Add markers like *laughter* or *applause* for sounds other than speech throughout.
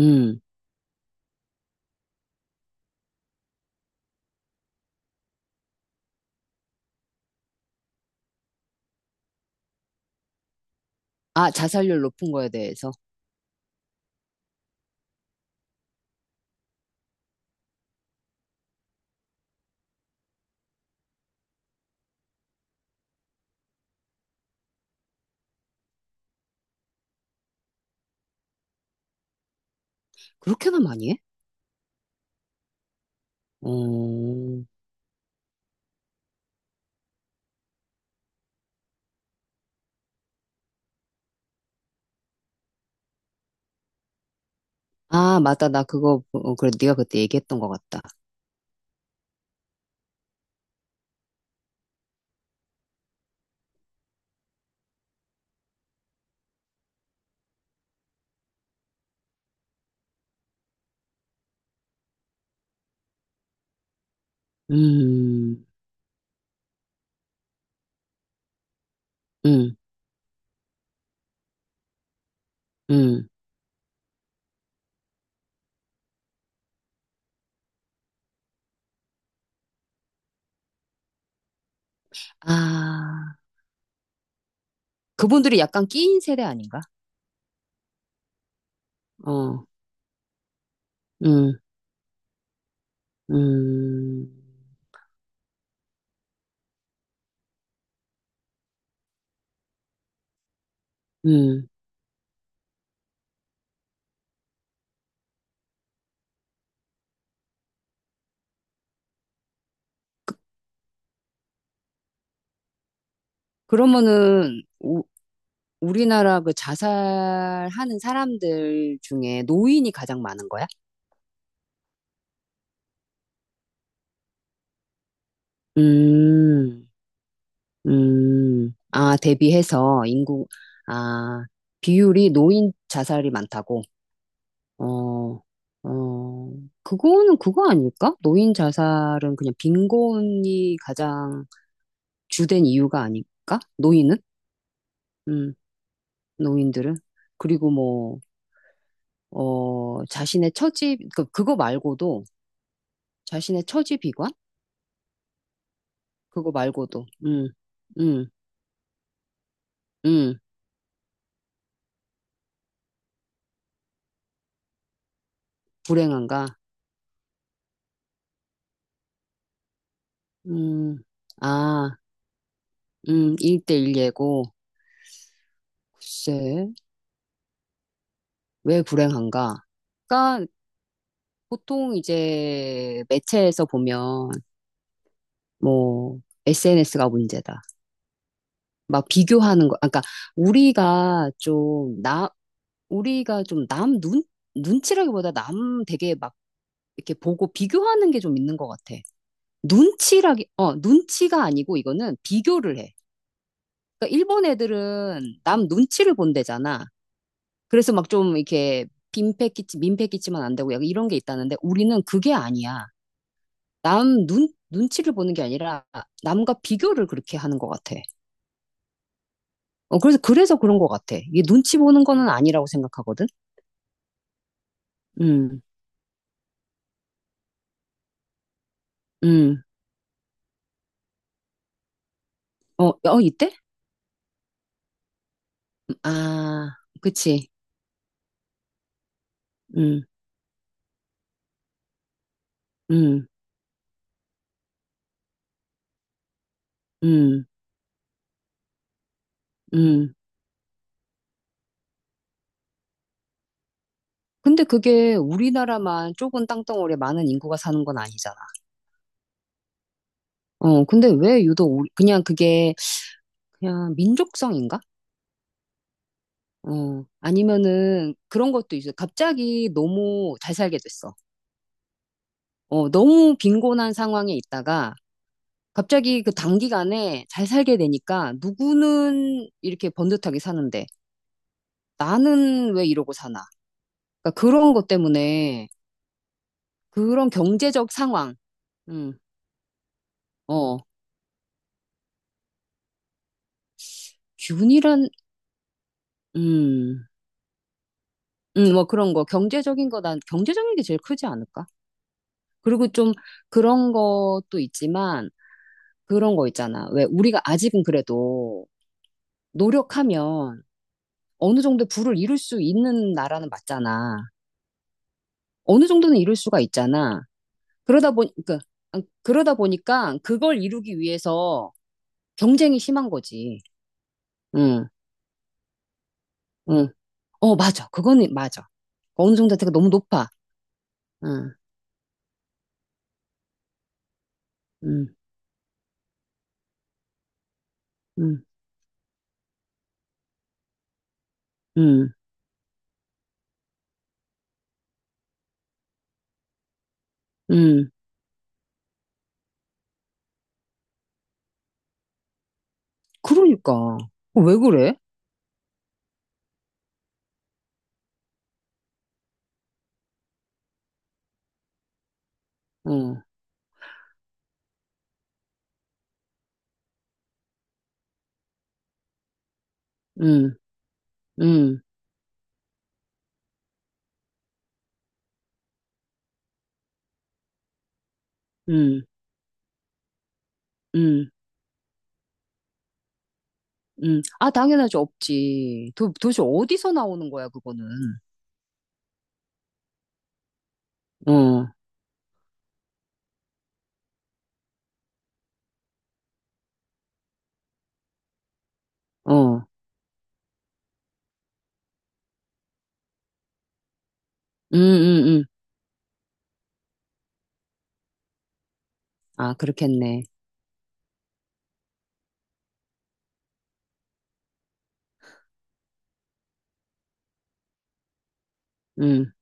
음. 아, 자살률 높은 거에 대해서. 그렇게나 많이 해? 어. 아, 맞다. 나 그거, 어, 그래. 네가 그때 얘기했던 것 같다. 음, 음, 음. 아, 그분들이 약간 끼인 세대 아닌가? 어, 음, 음, 음. 그러면은, 우, 우리나라 그 자살하는 사람들 중에 노인이 가장 많은 거야? 음. 아, 대비해서 인구, 아, 비율이 노인 자살이 많다고. 어, 어, 그거는 그거 아닐까? 노인 자살은 그냥 빈곤이 가장 주된 이유가 아닐까? 노인은? 음, 노인들은? 그리고 뭐, 어, 자신의 처지, 그, 그거 말고도, 자신의 처지 비관? 그거 말고도, 음, 음, 불행한가? 음, 아, 1대1 예고. 글쎄, 왜 불행한가? 그러니까 보통 이제 매체에서 보면 뭐 SNS가 문제다. 막 비교하는 거. 그러니까 우리가 좀 나, 우리가 좀 남 눈? 눈치라기보다 남 되게 막 이렇게 보고 비교하는 게 좀 있는 것 같아. 눈치라기, 어, 눈치가 아니고 이거는 비교를 해. 그러니까 일본 애들은 남 눈치를 본대잖아. 그래서 막 좀 이렇게 민폐 끼치면 안 되고 약간 이런 게 있다는데 우리는 그게 아니야. 남 눈, 눈치를 보는 게 아니라 남과 비교를 그렇게 하는 것 같아. 어, 그래서, 그래서 그런 것 같아. 이게 눈치 보는 거는 아니라고 생각하거든. 음, 음. 어, 어, 이때? 아, 그치. 음, 음, 음, 음. 근데 그게 우리나라만 좁은 땅덩어리에 많은 인구가 사는 건 아니잖아. 어, 근데 왜 유독 우리- 그냥 그게 그냥 민족성인가? 어, 아니면은 그런 것도 있어요. 갑자기 너무 잘 살게 됐어. 어, 너무 빈곤한 상황에 있다가 갑자기 그 단기간에 잘 살게 되니까 누구는 이렇게 번듯하게 사는데 나는 왜 이러고 사나. 그러니까 그런 것 때문에 그런 경제적 상황, 음, 어, 균이란, 음, 뭐 그런 거 경제적인 거 난 경제적인 게 제일 크지 않을까? 그리고 좀 그런 것도 있지만 그런 거 있잖아. 왜 우리가 아직은 그래도 노력하면 어느 정도 부를 이룰 수 있는 나라는 맞잖아. 어느 정도는 이룰 수가 있잖아. 그러다 보니, 그, 아, 그러다 보니까 그걸 이루기 위해서 경쟁이 심한 거지. 응, 응. 어, 맞아. 그거는 맞아. 어느 정도 대가 너무 높아. 응, 응, 응, 응, 응. 그러니까. 어, 왜 그래? 응, 응, 응, 응, 응, 응. 아, 당연하지. 없지. 도, 도대체 어디서 나오는 거야, 그거는. 어, 어. 음, 음, 음. 아, 그렇겠네. 음.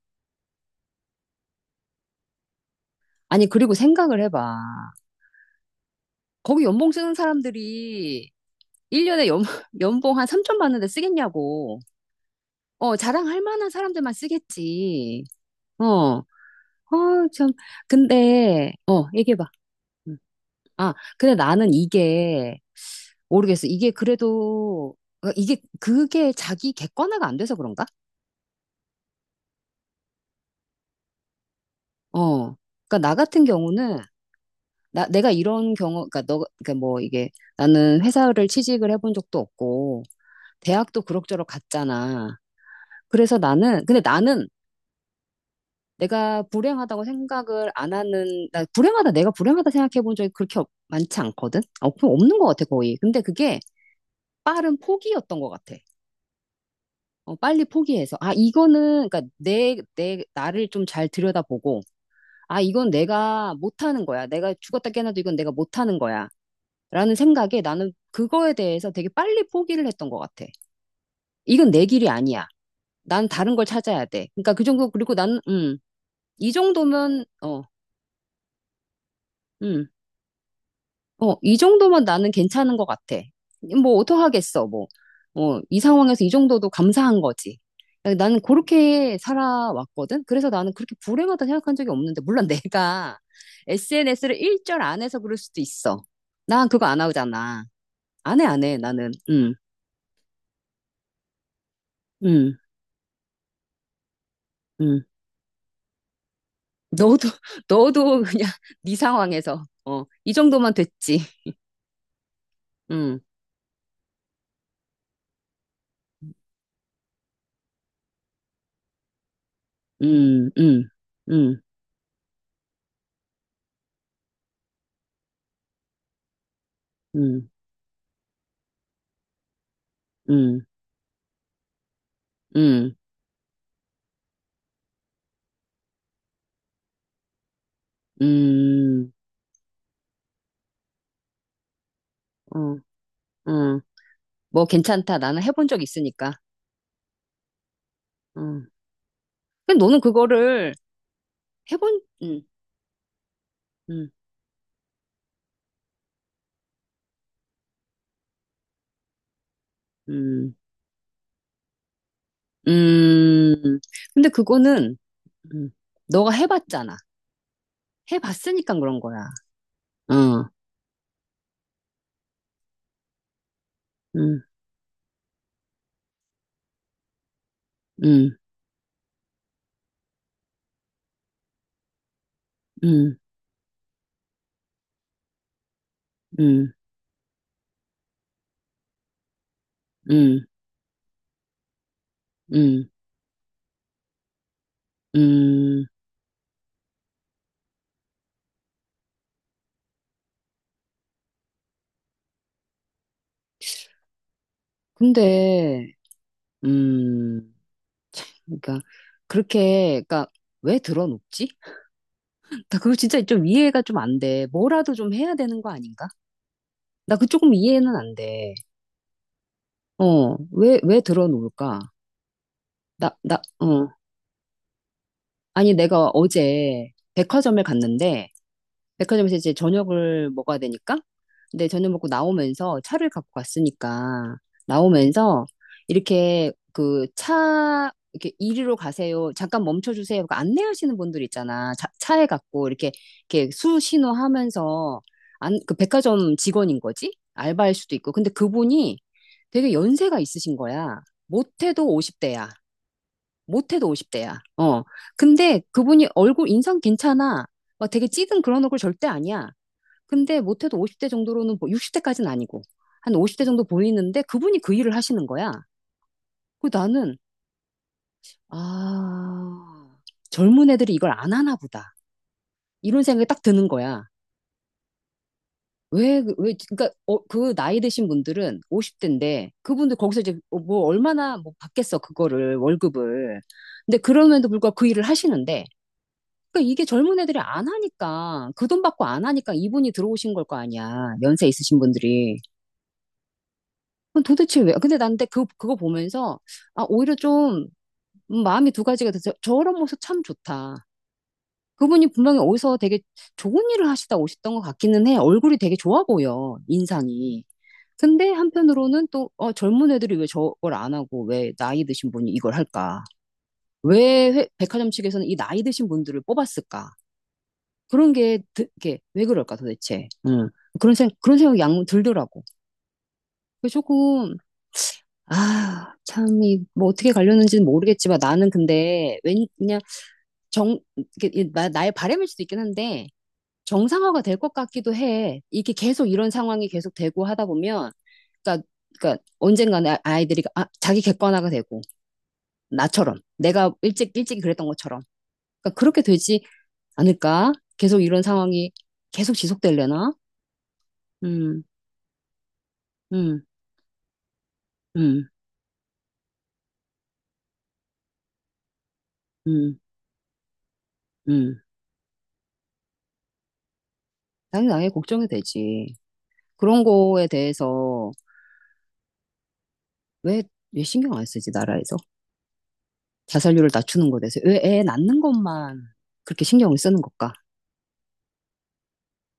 아니, 그리고 생각을 해봐. 거기 연봉 쓰는 사람들이 1년에 *laughs* 연봉 한 3천 받는데 쓰겠냐고. 어, 자랑할 만한 사람들만 쓰겠지. 어, 어, 참. 근데, 어, 얘기해봐. 음. 아, 근데 나는 이게, 모르겠어. 이게 그래도, 어, 이게, 그게 자기 객관화가 안 돼서 그런가? 어. 그러니까 나 같은 경우는 내가 이런 경우, 그러니까 너, 그러니까 뭐 이게 나는 회사를 취직을 해본 적도 없고, 대학도 그럭저럭 갔잖아. 그래서 나는, 근데 나는 내가 불행하다고 생각을 안 하는, 나 불행하다, 내가 불행하다 생각해 본 적이 그렇게 많지 않거든? 어, 그 없는 것 같아, 거의. 근데 그게 빠른 포기였던 것 같아. 어, 빨리 포기해서. 아, 이거는, 그러니까 나를 좀 잘 들여다보고, 아, 이건 내가 못하는 거야. 내가 죽었다 깨어나도 이건 내가 못하는 거야. 라는 생각에 나는 그거에 대해서 되게 빨리 포기를 했던 것 같아. 이건 내 길이 아니야. 난 다른 걸 찾아야 돼. 그러니까 그 정도, 그리고 나는, 이 정도면, 어, 음, 어, 이 정도면 나는 괜찮은 것 같아. 뭐, 어떡하겠어, 뭐. 어, 이 상황에서 이 정도도 감사한 거지. 그러니까 나는 그렇게 살아왔거든. 그래서 나는 그렇게 불행하다 생각한 적이 없는데, 물론 내가 SNS를 일절 안 해서 그럴 수도 있어. 난 그거 안 하잖아. 안 해, 안 해, 나는. 음, 음. 너도, *laughs* 너도 그냥 네 상황에서, 어, 이 정도면 됐지. 음, 음, 음, 음, 음, 음, 음, 음, 어, 음. 뭐 괜찮다. 나는 해본 적 있으니까. 음. 근데 너는 그거를 해본, 음, 음, 음. 근데 그거는, 음, 너가 해봤잖아. 해봤으니까 그런 거야. 어, 음, 음, 음, 음, 음, 음, 음. 근데, 음, 그러니까 그렇게, 그러니까 왜 들어눕지? *laughs* 나 그거 진짜 좀 이해가 좀 안 돼. 뭐라도 좀 해야 되는 거 아닌가? 나 그 조금 이해는 안 돼. 어, 왜, 왜 들어놓을까? 어. 아니, 내가 어제 백화점을 갔는데, 백화점에서 이제 저녁을 먹어야 되니까. 근데 저녁 먹고 나오면서 차를 갖고 갔으니까 나오면서 이렇게 그 차 이렇게 이리로 가세요. 잠깐 멈춰 주세요. 그 안내하시는 분들 있잖아. 차, 차에 갖고 이렇게 수신호 하면서 안, 그 백화점 직원인 거지? 알바일 수도 있고. 근데 그분이 되게 연세가 있으신 거야. 못해도 50대야. 못해도 50대야. 어. 근데 그분이 얼굴 인상 괜찮아. 막 되게 찌든 그런 얼굴 절대 아니야. 근데 못해도 50대 정도로는, 뭐 60대까지는 아니고, 한 50대 정도 보이는데 그분이 그 일을 하시는 거야. 그 나는, 아, 젊은 애들이 이걸 안 하나 보다. 이런 생각이 딱 드는 거야. 왜, 그- 왜, 그니까, 어, 그 나이 드신 분들은 50대인데, 그분들 거기서 이제 어, 뭐 얼마나 뭐 받겠어, 그거를, 월급을. 근데 그럼에도 불구하고 그 일을 하시는데, 그니까 이게 젊은 애들이 안 하니까, 그 돈 받고 안 하니까 이분이 들어오신 걸 거 아니야. 연세 있으신 분들이. 그럼 도대체 왜? 근데 난 근데 그, 그거 보면서, 아, 오히려 좀, 마음이 두 가지가 돼서 저런 모습 참 좋다. 그분이 분명히 어디서 되게 좋은 일을 하시다 오셨던 것 같기는 해. 얼굴이 되게 좋아 보여, 인상이. 근데 한편으로는 또, 어, 젊은 애들이 왜 저걸 안 하고, 왜 나이 드신 분이 이걸 할까? 왜 백화점 측에서는 이 나이 드신 분들을 뽑았을까? 그런 게, 드, 게왜 그럴까 도대체? 음. 그런 생각이 양 들더라고. 그래서 조금, 아, 참, 이, 뭐, 어떻게 가려는지는 모르겠지만, 나는 근데, 왠, 그냥, 정, 나의 바람일 수도 있긴 한데, 정상화가 될 것 같기도 해. 이게 계속 이런 상황이 계속 되고 하다 보면, 그러니까, 그러니까, 언젠가는 아이들이, 아, 자기 객관화가 되고, 나처럼, 일찍 그랬던 것처럼. 그러니까, 그렇게 되지 않을까? 계속 이런 상황이 계속 지속되려나? 음, 음, 음, 음, 음. 당연히 나의 걱정이 되지. 그런 거에 대해서, 왜, 왜 신경 안 쓰지, 나라에서? 자살률을 낮추는 것에 대해서. 왜 애 낳는 것만 그렇게 신경을 쓰는 걸까?